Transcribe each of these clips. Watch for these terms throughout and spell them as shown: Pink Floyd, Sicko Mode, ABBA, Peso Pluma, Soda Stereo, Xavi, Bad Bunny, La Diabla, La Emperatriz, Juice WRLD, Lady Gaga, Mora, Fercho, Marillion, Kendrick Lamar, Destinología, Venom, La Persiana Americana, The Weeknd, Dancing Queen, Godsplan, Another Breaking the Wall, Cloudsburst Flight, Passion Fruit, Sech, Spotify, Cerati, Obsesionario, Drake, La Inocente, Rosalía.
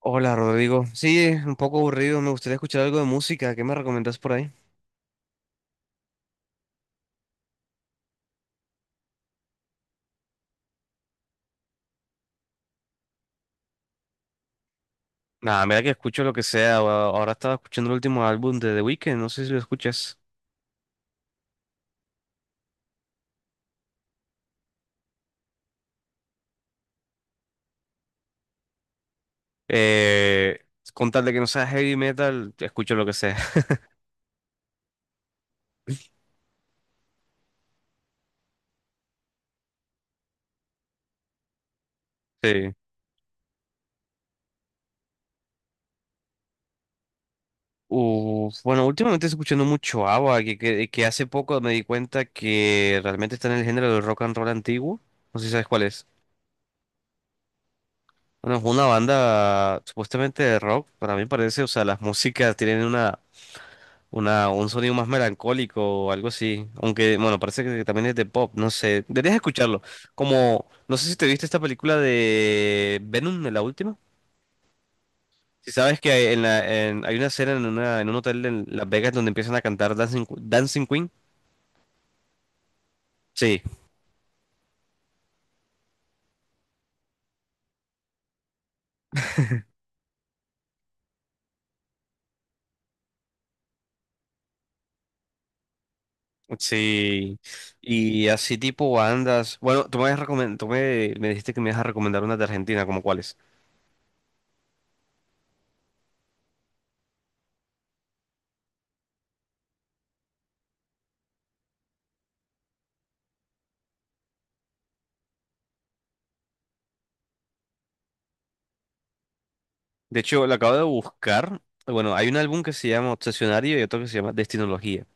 Hola Rodrigo, sí, un poco aburrido, me gustaría escuchar algo de música, ¿qué me recomendás por ahí? Nada, mira que escucho lo que sea, ahora estaba escuchando el último álbum de The Weeknd, no sé si lo escuchas. Eh, con tal de que no sea heavy metal, escucho lo que sea. Sí. Uf, bueno, últimamente estoy escuchando mucho ABBA, que hace poco me di cuenta que realmente está en el género del rock and roll antiguo, no sé si sabes cuál es. Bueno, es una banda supuestamente de rock, para mí parece, o sea, las músicas tienen una, un sonido más melancólico o algo así. Aunque, bueno, parece que también es de pop, no sé. Deberías escucharlo. Como, no sé si te viste esta película de Venom, la última. Si sabes que hay una escena en, en un hotel en Las Vegas donde empiezan a cantar Dancing, Dancing Queen. Sí, sí. Y así tipo bandas. Bueno, tú me, me dijiste que me ibas a recomendar una de Argentina, como cuáles. De hecho, la acabo de buscar. Bueno, hay un álbum que se llama Obsesionario y otro que se llama Destinología.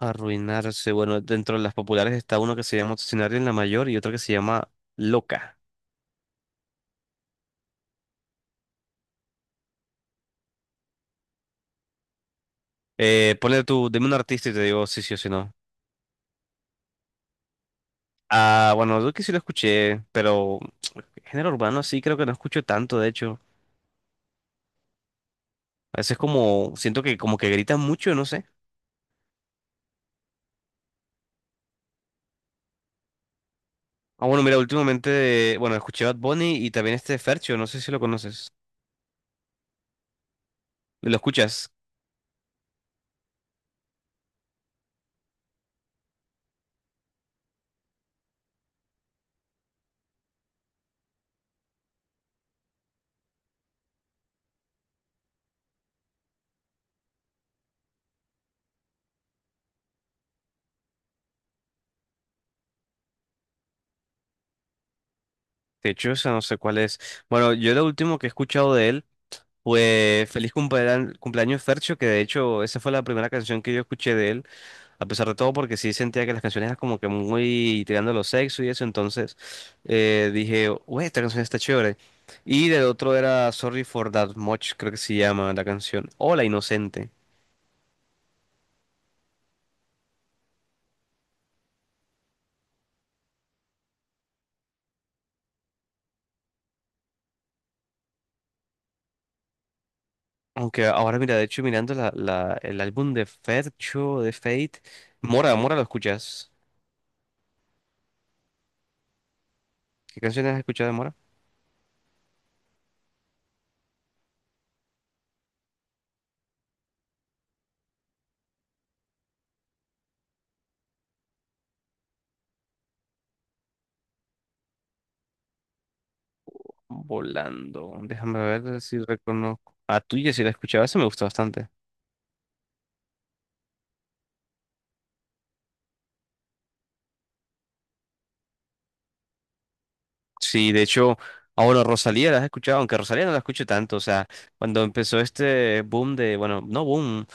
Arruinarse. Bueno, dentro de las populares está uno que se llama Obsesionario en la mayor y otro que se llama Loca. Ponle tú, dime un artista y te digo si sí o si no. Ah, bueno, yo que sí lo escuché, pero género urbano sí creo que no escucho tanto, de hecho. A veces como, siento que como que gritan mucho, no sé. Ah, bueno, mira, últimamente, bueno, escuché Bad Bunny y también este Fercho, no sé si lo conoces. ¿Lo escuchas? De hecho, o sea, no sé cuál es. Bueno, yo lo último que he escuchado de él. Pues feliz cumpleaños, cumpleaños Fercho, que de hecho esa fue la primera canción que yo escuché de él, a pesar de todo, porque sí sentía que las canciones eran como que muy tirando a lo sexo y eso, entonces dije, uy, esta canción está chévere. Y del otro era Sorry for That Much, creo que se llama la canción, o La Inocente. Aunque ahora, mira, de hecho, mirando el álbum de Fercho, de Fate, Mora, ¿lo escuchas? ¿Qué canciones has escuchado de Mora? Volando, déjame ver si reconozco. A tuya, si la escuchaba, esa me gusta bastante. Sí, de hecho, ah, bueno, Rosalía la has escuchado, aunque Rosalía no la escucho tanto, o sea, cuando empezó este boom de, bueno, no boom,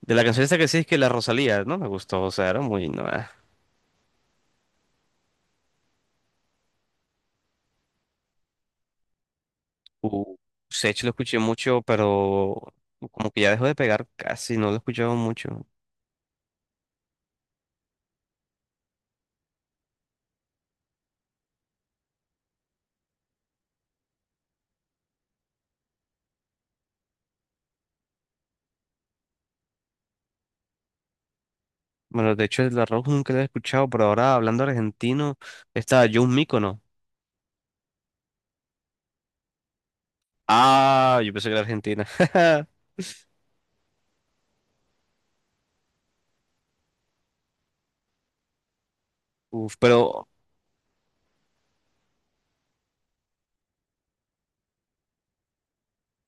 de la canción esta que sí es que la Rosalía, no me gustó, o sea, era muy, no, eh. Uh, Sech lo escuché mucho, pero como que ya dejó de pegar casi, no lo he escuchado mucho. Bueno, de hecho, la Rock nunca la he escuchado, pero ahora hablando argentino, está Jun Mícono. Ah, yo pensé que era Argentina. Uf, pero,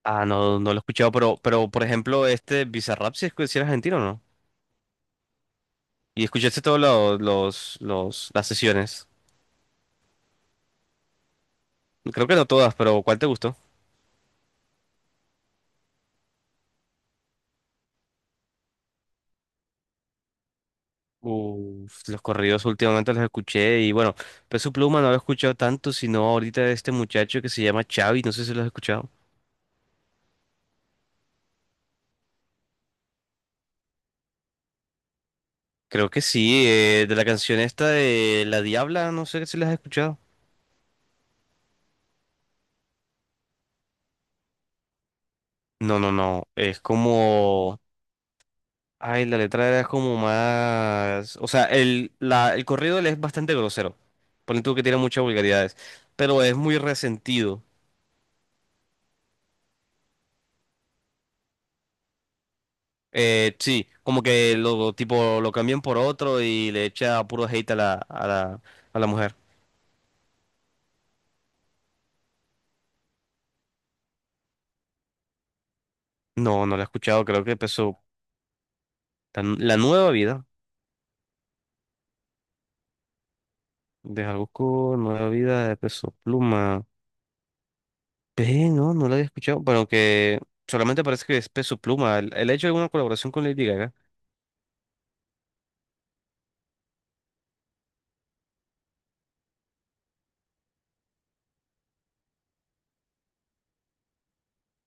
ah, no, no lo he escuchado, pero, por ejemplo, este Bizarrap, si era argentino, ¿no? ¿Y escuchaste todos las sesiones? Creo que no todas, pero ¿cuál te gustó? Uf, los corridos últimamente los escuché y bueno, Peso Pluma no lo he escuchado tanto, sino ahorita de este muchacho que se llama Xavi, no sé si lo has escuchado. Creo que sí, de la canción esta de La Diabla, no sé si la has escuchado. No, no, no, es como... Ay, la letra era como más... O sea, el corrido él es bastante grosero. Ponle tú que tiene muchas vulgaridades, pero es muy resentido. Sí, como que lo tipo lo cambian por otro y le echa puro hate a a la mujer. No, no la he escuchado, creo que Peso, la nueva vida de Jalisco, nueva vida de Peso Pluma. Ve, no, no la había escuchado, pero que solamente parece que es Peso Pluma. Él ha hecho alguna colaboración con Lady Gaga.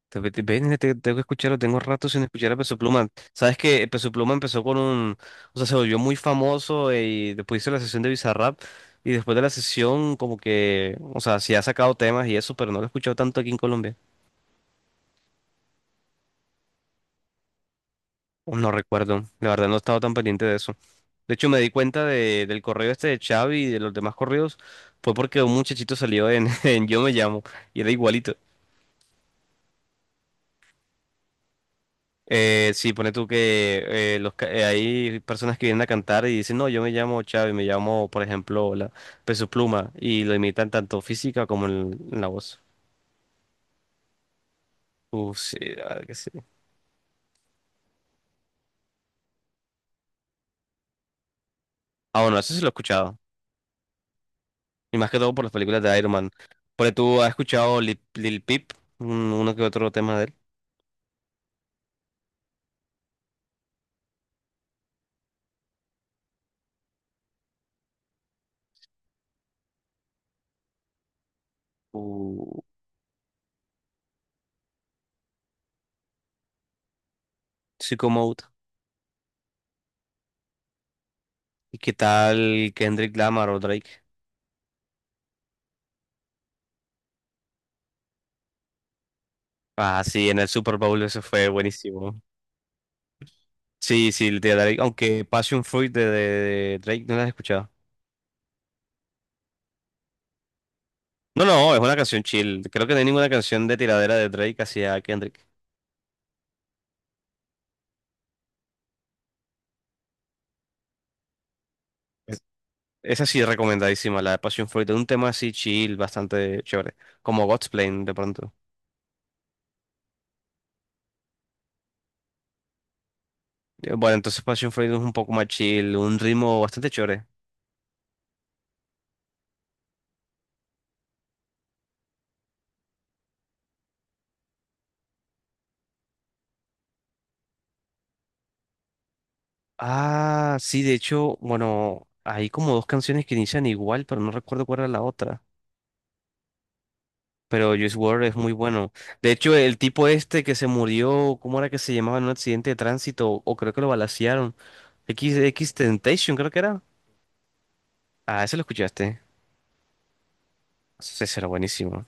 Tengo que escucharlo, tengo rato sin escuchar a Peso Pluma. Sabes que Peso Pluma empezó con un, o sea, se volvió muy famoso y después hizo la sesión de Bizarrap y después de la sesión como que, o sea, sí ha sacado temas y eso, pero no lo he escuchado tanto aquí en Colombia. No recuerdo, la verdad no he estado tan pendiente de eso. De hecho, me di cuenta de, del correo este de Xavi y de los demás correos fue porque un muchachito salió en, en Yo Me Llamo y era igualito. Sí, pone tú que hay personas que vienen a cantar y dicen, no, yo me llamo Chávez, me llamo, por ejemplo, la Peso Pluma, y lo imitan tanto física como en la voz. Sí, la verdad que sí. Ah, bueno, eso sí lo he escuchado. Y más que todo por las películas de Iron Man. Pone tú, ¿has escuchado Lil Peep? Uno que otro tema de él. Uh, Sicko Mode. ¿Y qué tal Kendrick Lamar o Drake? Ah, sí, en el Super Bowl eso fue buenísimo. Sí, sí, de Drake, aunque Passion Fruit de Drake no la has escuchado. No, no, es una canción chill. Creo que no hay ninguna canción de tiradera de Drake hacia Kendrick. Es- Esa sí es recomendadísima, la de Passion Fruit, es un tema así chill, bastante chévere, como Godsplan de pronto. Bueno, entonces Passion Fruit es un poco más chill, un ritmo bastante chévere. Ah, sí, de hecho, bueno, hay como dos canciones que inician igual, pero no recuerdo cuál era la otra. Pero Juice WRLD es muy bueno. De hecho, el tipo este que se murió, ¿cómo era que se llamaba en un accidente de tránsito? O creo que lo balacearon. X Temptation, creo que era. Ah, ese lo escuchaste. Ese será buenísimo.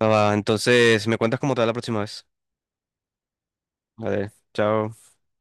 Ah, va, entonces, me cuentas cómo te va la próxima vez. Vale, chao.